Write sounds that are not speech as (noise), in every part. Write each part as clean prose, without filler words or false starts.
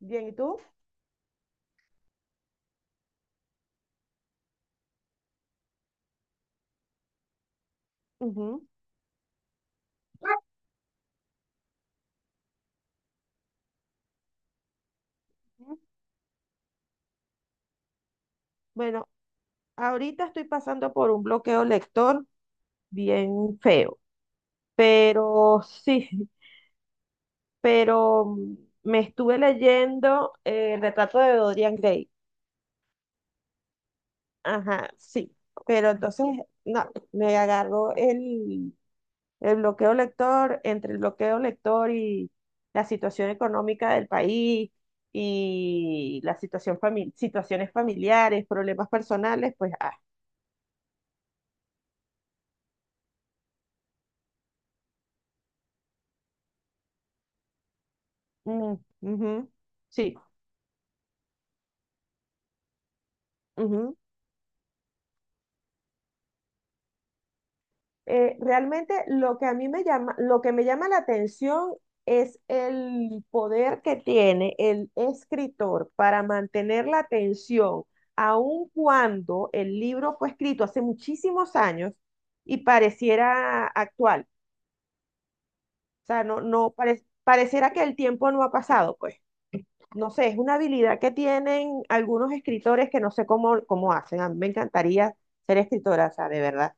Bien, ¿y tú? Ujú. Bueno, ahorita estoy pasando por un bloqueo lector bien feo, pero sí, pero me estuve leyendo El retrato de Dorian Gray. Ajá, sí, pero entonces, no, me agarró el bloqueo lector, entre el bloqueo lector y la situación económica del país y la situación situaciones familiares, problemas personales, pues. Mm, ujú. Sí. Ujú. Realmente lo que a mí me llama, lo que me llama la atención es el poder que tiene el escritor para mantener la atención, aun cuando el libro fue escrito hace muchísimos años y pareciera actual. O sea, no, no pareciera que el tiempo no ha pasado, pues. No sé, es una habilidad que tienen algunos escritores que no sé cómo hacen. A mí me encantaría ser escritora, o sea, de verdad.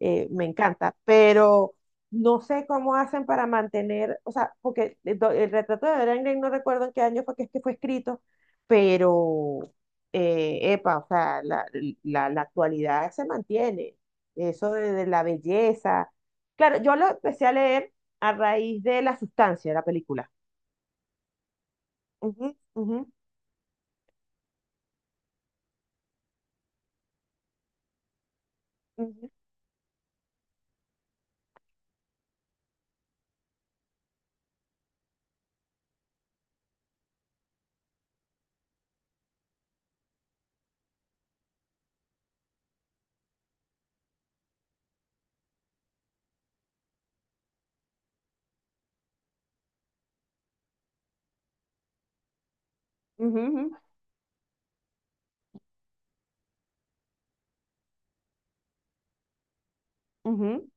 Me encanta, pero no sé cómo hacen para mantener, o sea, porque El retrato de Dorian Gray no recuerdo en qué año es que fue escrito, pero, epa, o sea, la actualidad se mantiene, eso de la belleza. Claro, yo lo empecé a leer a raíz de La Sustancia de la película. Ujú, ujú, ujú, ujú, ujú, ujú,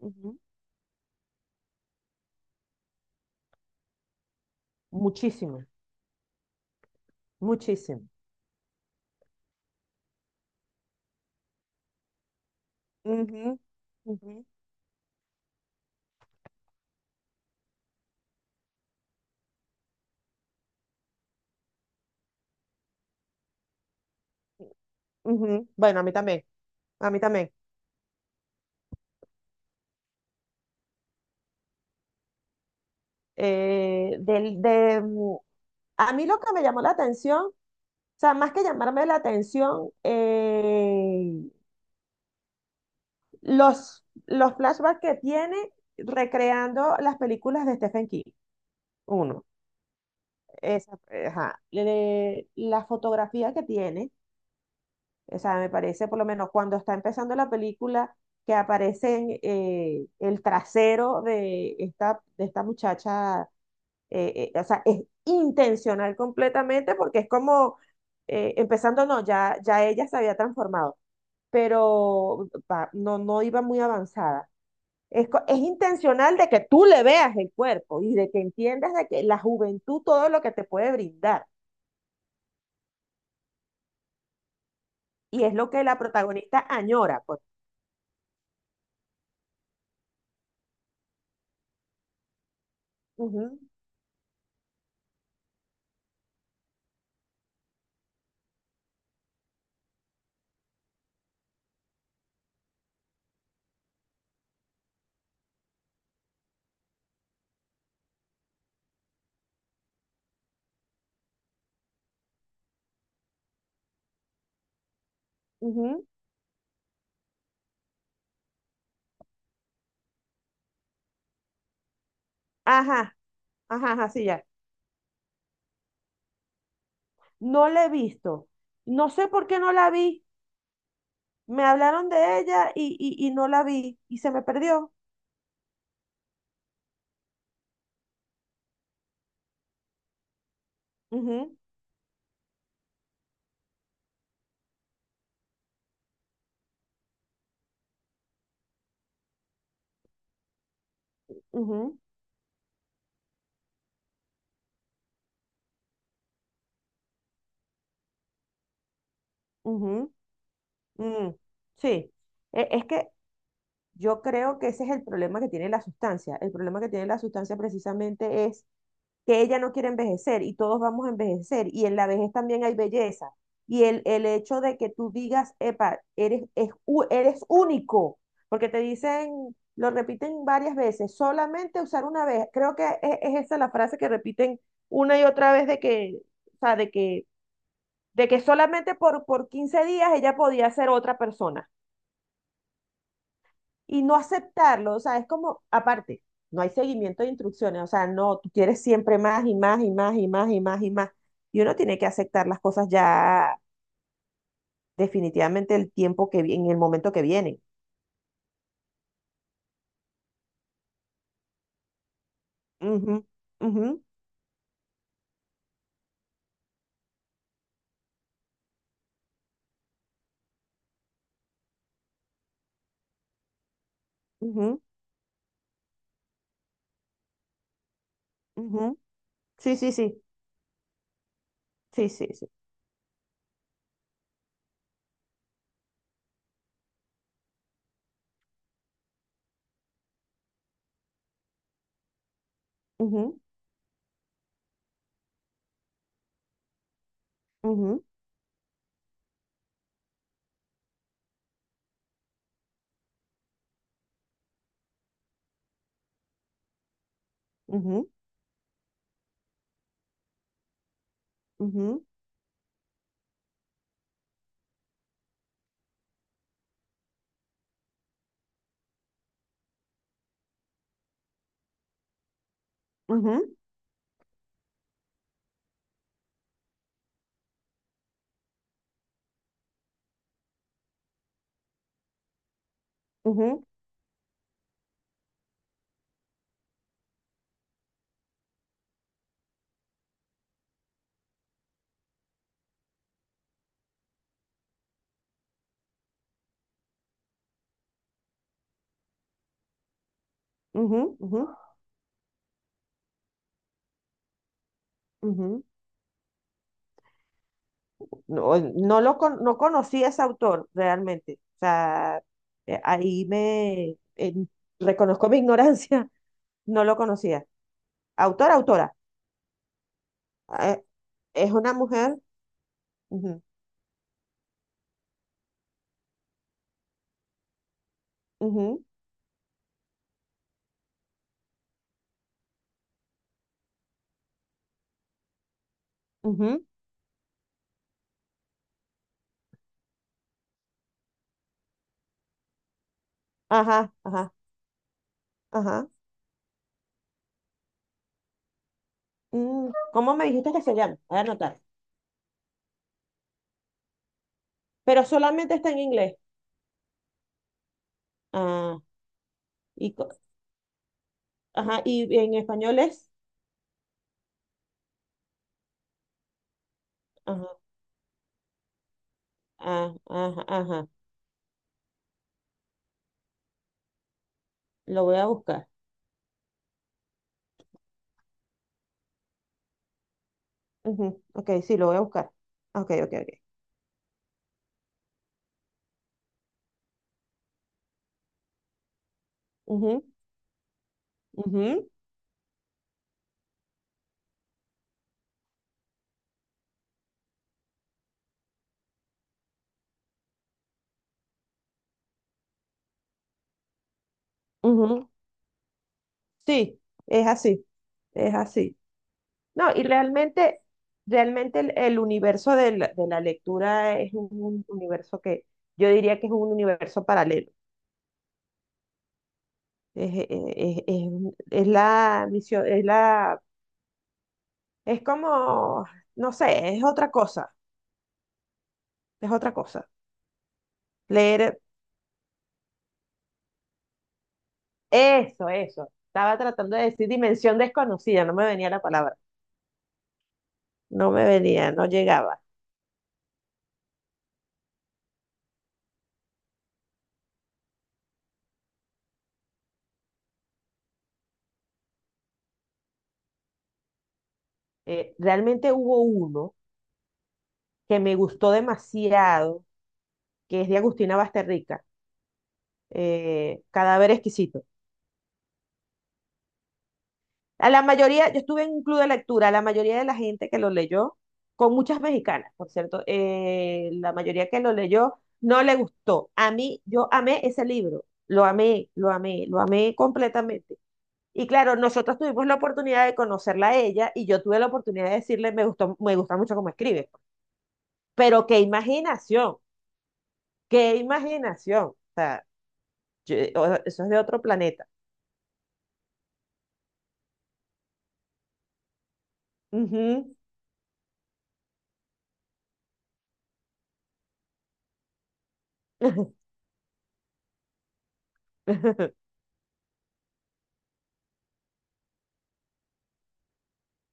ujú. Muchísimo, muchísimo. Ujú, ujú, ujú. Bueno, a mí también, a mí también. Eh, del, de, mm, a mí lo que me llamó la atención, o sea, más que llamarme la atención, los flashbacks que tiene recreando las películas de Stephen King, uno, esa, ajá, la fotografía que tiene, o sea, me parece por lo menos cuando está empezando la película, que aparece el trasero de esta muchacha o sea, es intencional completamente porque es como, empezando, no, ya, ya ella se había transformado, pero no, no iba muy avanzada. Es intencional de que tú le veas el cuerpo y de que entiendas de que la juventud todo lo que te puede brindar. Y es lo que la protagonista añora, pues. Ujú, ujú. Ajá, ajá, ajá, sí, ya. No la he visto. No sé por qué no la vi. Me hablaron de ella y no la vi y se me perdió. Ujú. Ujú, ujú, mm, sí. Es que yo creo que ese es el problema que tiene La Sustancia. El problema que tiene La Sustancia precisamente es que ella no quiere envejecer y todos vamos a envejecer y en la vejez también hay belleza. Y el hecho de que tú digas, epa, eres único, porque te dicen, lo repiten varias veces, solamente usar una vez. Creo que es esa la frase que repiten una y otra vez de que, o sea, de que solamente por 15 días ella podía ser otra persona y no aceptarlo, o sea, es como, aparte, no hay seguimiento de instrucciones, o sea, no, tú quieres siempre más y más y más y más y más y más. Y uno tiene que aceptar las cosas ya definitivamente el tiempo que vi- en el momento que viene. Ujú, ujú, ujú, ujú. Sí, sí, sí, sí, sí, sí. Ujú, ujú, ujú, ujú, ujú, ujú, ujú, ujú, ujú. No conocí a ese autor realmente. O sea, ahí me reconozco mi ignorancia, (laughs) no lo conocía. Autor, autora. Eh, es una mujer. Ujú, ujú, ujú, ajá, ajá, ajá. Mm, ¿cómo me dijiste que se llama? Voy a anotar. Pero solamente está en inglés. Ah, y, co- ajá, y en español es. Ajá, ah, ajá, ajá. Lo voy a buscar. Ujú, ok, sí, lo voy a buscar. Ok, ok, ok. Ujú, ujú. Ujú, sí, es así, es así. No, y realmente el universo de la lectura es un universo que yo diría que es un universo paralelo. Es, es, es- es- es la misión, es como, no sé, es otra cosa, es otra cosa. Leer eso, eso. Estaba tratando de decir dimensión desconocida, no me venía la palabra, no me venía, no llegaba. Realmente hubo uno que me gustó demasiado que es de Agustina Basterrica, Cadáver Exquisito. A la mayoría, yo estuve en un club de lectura, la mayoría de la gente que lo leyó, con muchas mexicanas, por cierto, la mayoría que lo leyó no le gustó. A mí, yo amé ese libro, lo amé, lo amé, lo amé completamente. Y claro, nosotros tuvimos la oportunidad de conocerla a ella y yo tuve la oportunidad de decirle, me gustó, me gusta mucho cómo escribe. Pero qué imaginación, qué imaginación. O sea, eso es de otro planeta. Ujú. (laughs)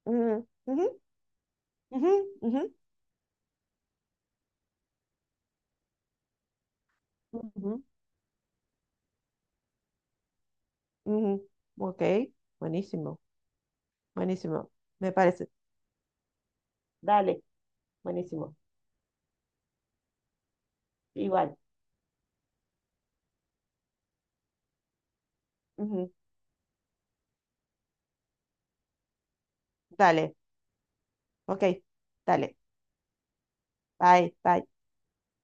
Ujú, ujú, ujú, ujú, ujú, ujú. Ok, buenísimo, buenísimo, me parece. Dale, buenísimo, igual. Ujú, dale, ok, dale, bye, bye.